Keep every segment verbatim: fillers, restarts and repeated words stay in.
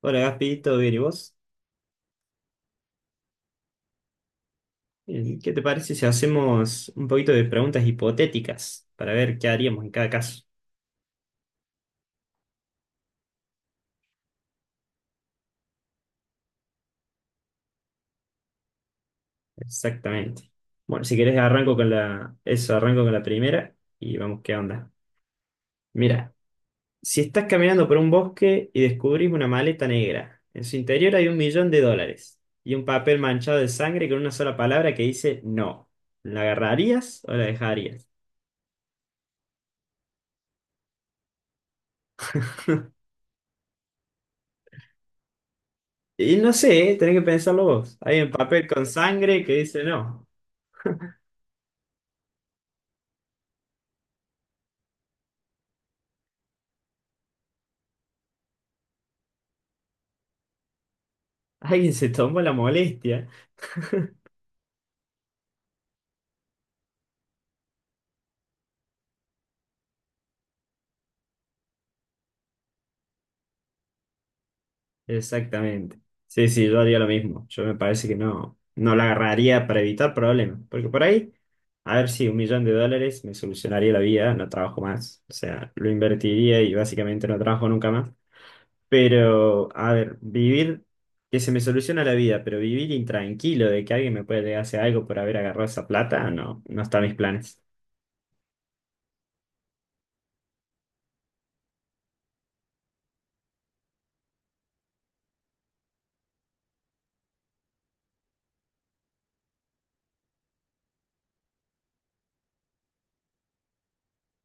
Hola Gaspi, ¿todo bien? ¿Y vos? Eh, ¿Qué te parece si hacemos un poquito de preguntas hipotéticas para ver qué haríamos en cada caso? Exactamente. Bueno, si querés arranco con la, eso, arranco con la primera y vamos, ¿qué onda? Mira, si estás caminando por un bosque y descubrís una maleta negra, en su interior hay un millón de dólares y un papel manchado de sangre con una sola palabra que dice no. ¿La agarrarías o la dejarías? Y no sé, ¿eh? Tenés que pensarlo vos. Hay un papel con sangre que dice no. Alguien se tomó la molestia. Exactamente. Sí, sí, yo haría lo mismo. Yo me parece que no, no la agarraría para evitar problemas. Porque por ahí, a ver si un millón de dólares me solucionaría la vida, no trabajo más. O sea, lo invertiría y básicamente no trabajo nunca más. Pero, a ver, vivir, que se me soluciona la vida, pero vivir intranquilo de que alguien me puede hacer algo por haber agarrado esa plata, no, no está en mis planes.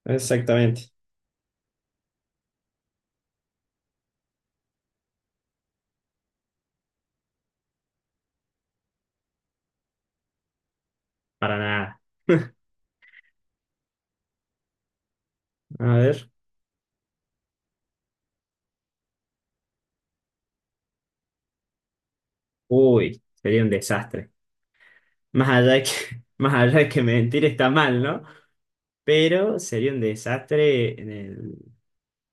Exactamente. Para nada. A ver. Uy, sería un desastre. Más allá que, más allá de que mentir está mal, ¿no? Pero sería un desastre en el...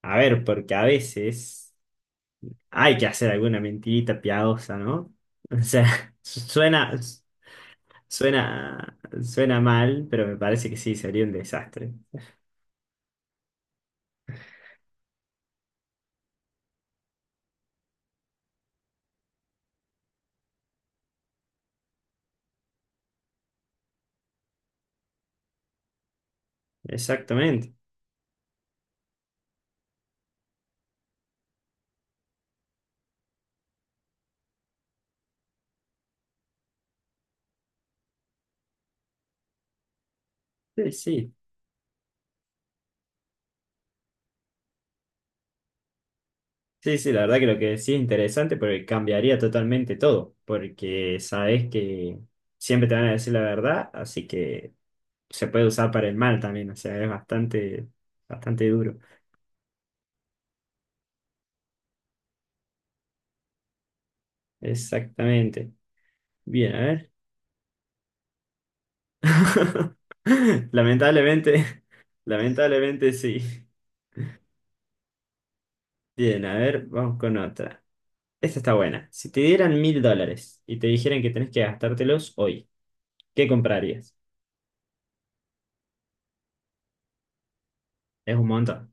A ver, porque a veces hay que hacer alguna mentirita piadosa, ¿no? O sea, su- suena, suena, suena mal, pero me parece que sí, sería un desastre. Exactamente. Sí, sí. Sí, sí, la verdad que lo que decís es interesante porque cambiaría totalmente todo, porque sabes que siempre te van a decir la verdad, así que... se puede usar para el mal también, o sea, es bastante, bastante duro. Exactamente. Bien, a ver. Lamentablemente, lamentablemente sí. Bien, a ver, vamos con otra. Esta está buena. Si te dieran mil dólares y te dijeran que tenés que gastártelos hoy, ¿qué comprarías? Es un montón.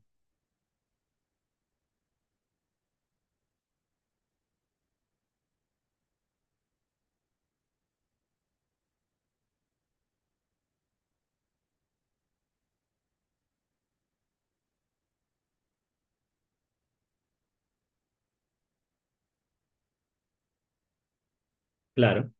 Claro,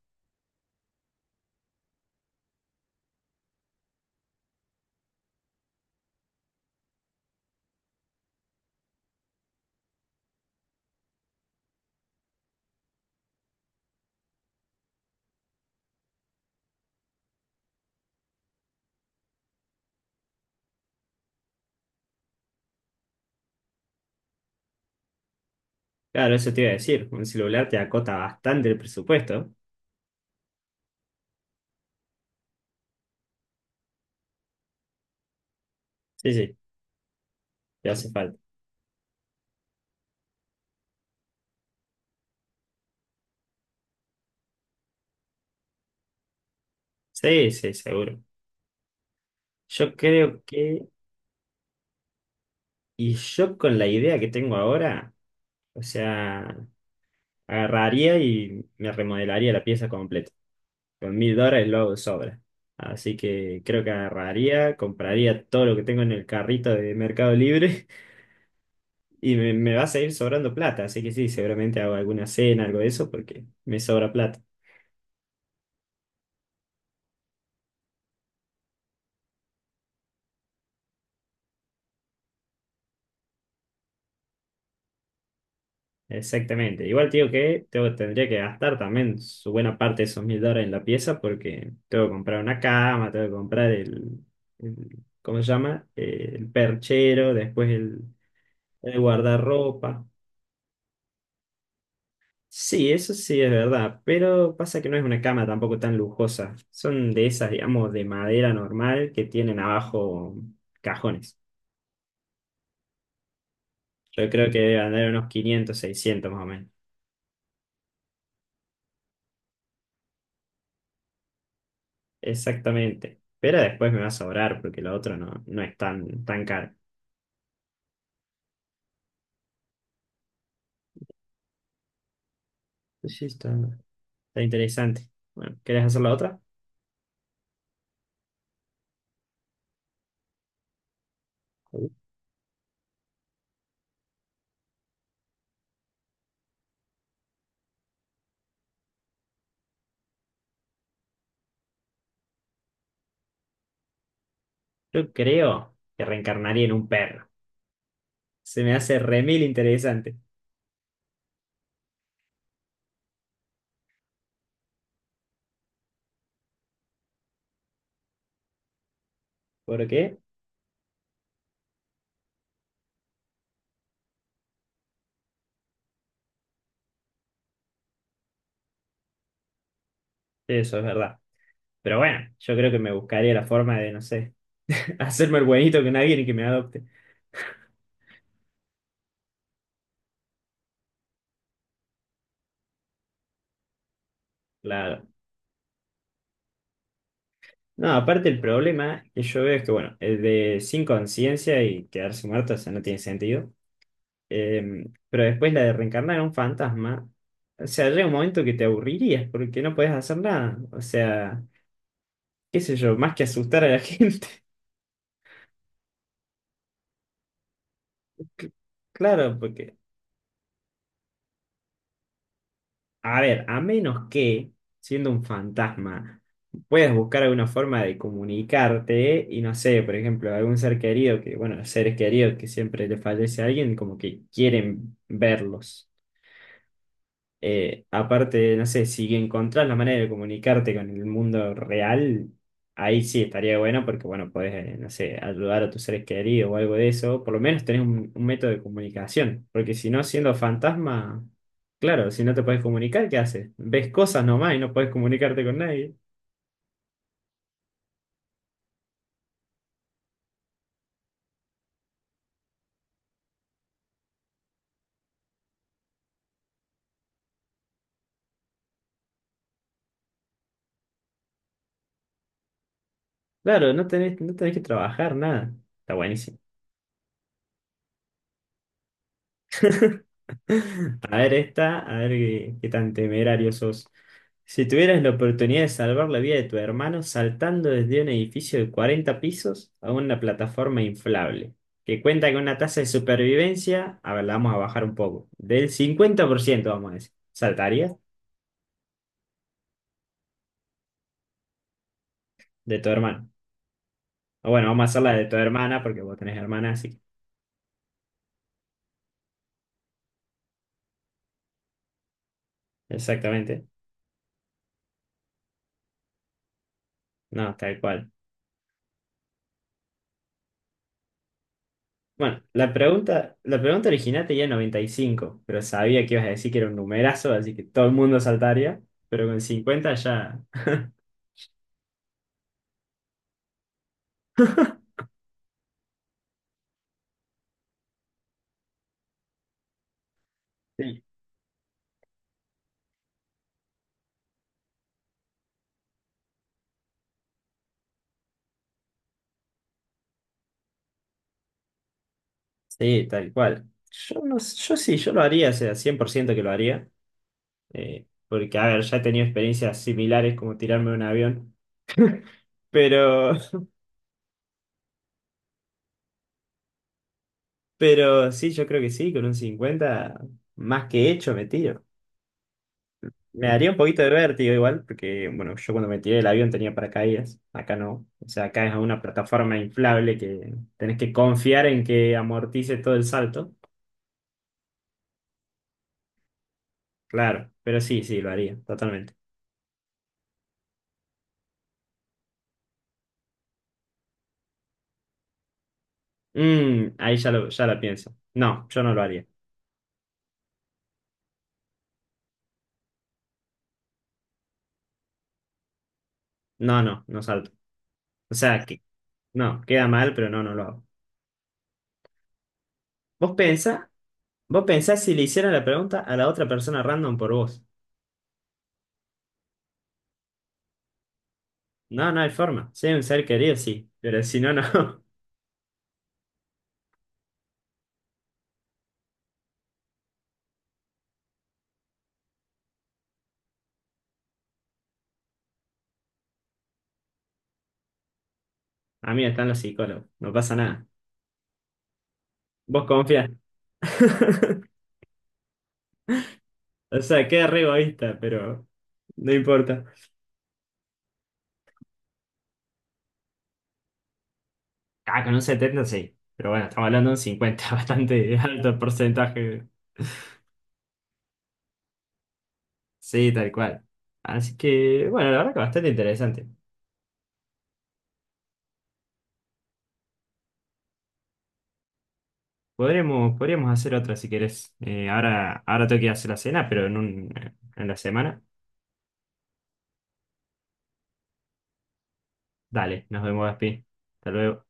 claro, eso te iba a decir. Un celular te acota bastante el presupuesto. Sí, sí, te hace falta. Sí, sí, seguro. Yo creo que, y yo con la idea que tengo ahora. O sea, agarraría y me remodelaría la pieza completa. Con mil dólares lo hago de sobra. Así que creo que agarraría, compraría todo lo que tengo en el carrito de Mercado Libre y me, me va a seguir sobrando plata. Así que sí, seguramente hago alguna cena, algo de eso, porque me sobra plata. Exactamente. Igual te digo que tengo- tendría que gastar también su buena parte de esos mil dólares en la pieza porque tengo que comprar una cama, tengo que comprar el, el- ¿cómo se llama? Eh, el perchero, después, El guardarropa. Sí, eso sí es verdad, pero pasa que no es una cama tampoco tan lujosa. Son de esas, digamos, de madera normal que tienen abajo cajones. Yo creo que deben andar unos quinientos seiscientos más o menos. Exactamente. Pero después me va a sobrar porque lo otro no, no es tan, tan caro. Pues Sí, está, está interesante. Bueno, ¿querés hacer la otra? Yo creo que reencarnaría en un perro. Se me hace remil interesante. ¿Por qué? Eso es verdad. Pero bueno, yo creo que me buscaría la forma de, no sé, hacerme el buenito con alguien y que me adopte. Claro. No, aparte el problema que yo veo es que, bueno, el de sin conciencia y quedarse muerto, o sea, no tiene sentido. Eh, pero después la de reencarnar en un fantasma, o sea, llega un momento que te aburrirías porque no puedes hacer nada. O sea, qué sé yo, más que asustar a la gente. Claro, porque a ver, a menos que, siendo un fantasma, puedas buscar alguna forma de comunicarte y no sé, por ejemplo, algún ser querido que, bueno, los seres queridos que siempre le fallece a alguien, como que quieren verlos. Eh, aparte, no sé, si encontrás la manera de comunicarte con el mundo real, ahí sí estaría bueno porque, bueno, podés, eh, no sé, ayudar a tus seres queridos o algo de eso. Por lo menos tenés un, un método de comunicación, porque si no, siendo fantasma, claro, si no te podés comunicar, ¿qué haces? Ves cosas nomás y no podés comunicarte con nadie. Claro, no tenés, no tenés que trabajar, nada. Está buenísimo. A ver esta, a ver qué, qué tan temerario sos. Si tuvieras la oportunidad de salvar la vida de tu hermano saltando desde un edificio de cuarenta pisos a una plataforma inflable, que cuenta con una tasa de supervivencia, a ver, la vamos a bajar un poco, del cincuenta por ciento vamos a decir, ¿saltarías de tu hermano? O bueno, vamos a hacer la de tu hermana, porque vos tenés hermana, así que... Exactamente. No, tal cual. Bueno, la pregunta, la pregunta original tenía noventa y cinco, pero sabía que ibas a decir que era un numerazo, así que todo el mundo saltaría, pero con cincuenta ya... Sí, sí, tal cual. Yo, no, s- yo sí, yo lo haría, o sea, cien por ciento que lo haría, eh, porque, a ver, ya he tenido experiencias similares como tirarme de un avión, pero, pero sí, yo creo que sí, con un cincuenta más que hecho me tiro. Me daría un poquito de vértigo igual, porque bueno, yo cuando me tiré del avión tenía paracaídas, acá no. O sea, acá es una plataforma inflable que tenés que confiar en que amortice todo el salto. Claro, pero sí, sí, lo haría, totalmente. Mm, ahí ya lo, ya la pienso. No, yo no lo haría. No, no, no salto. O sea, que no, queda mal, pero no, no lo hago. ¿Vos pensás? ¿Vos pensás si le hiciera la pregunta a la otra persona random por vos? No, no hay forma. Si hay un ser querido, sí, pero si no, no. A mí están los psicólogos, no pasa nada. ¿Vos confías? O sea, queda re egoísta, pero no importa. Ah, con un setenta sí. Pero bueno, estamos hablando de un cincuenta, bastante alto porcentaje. Sí, tal cual. Así que, bueno, la verdad que bastante interesante. Podremos, podríamos hacer otra si querés. Eh, ahora, ahora tengo que ir a hacer la cena, pero en un, en la semana. Dale, nos vemos, Gaspi. Hasta luego.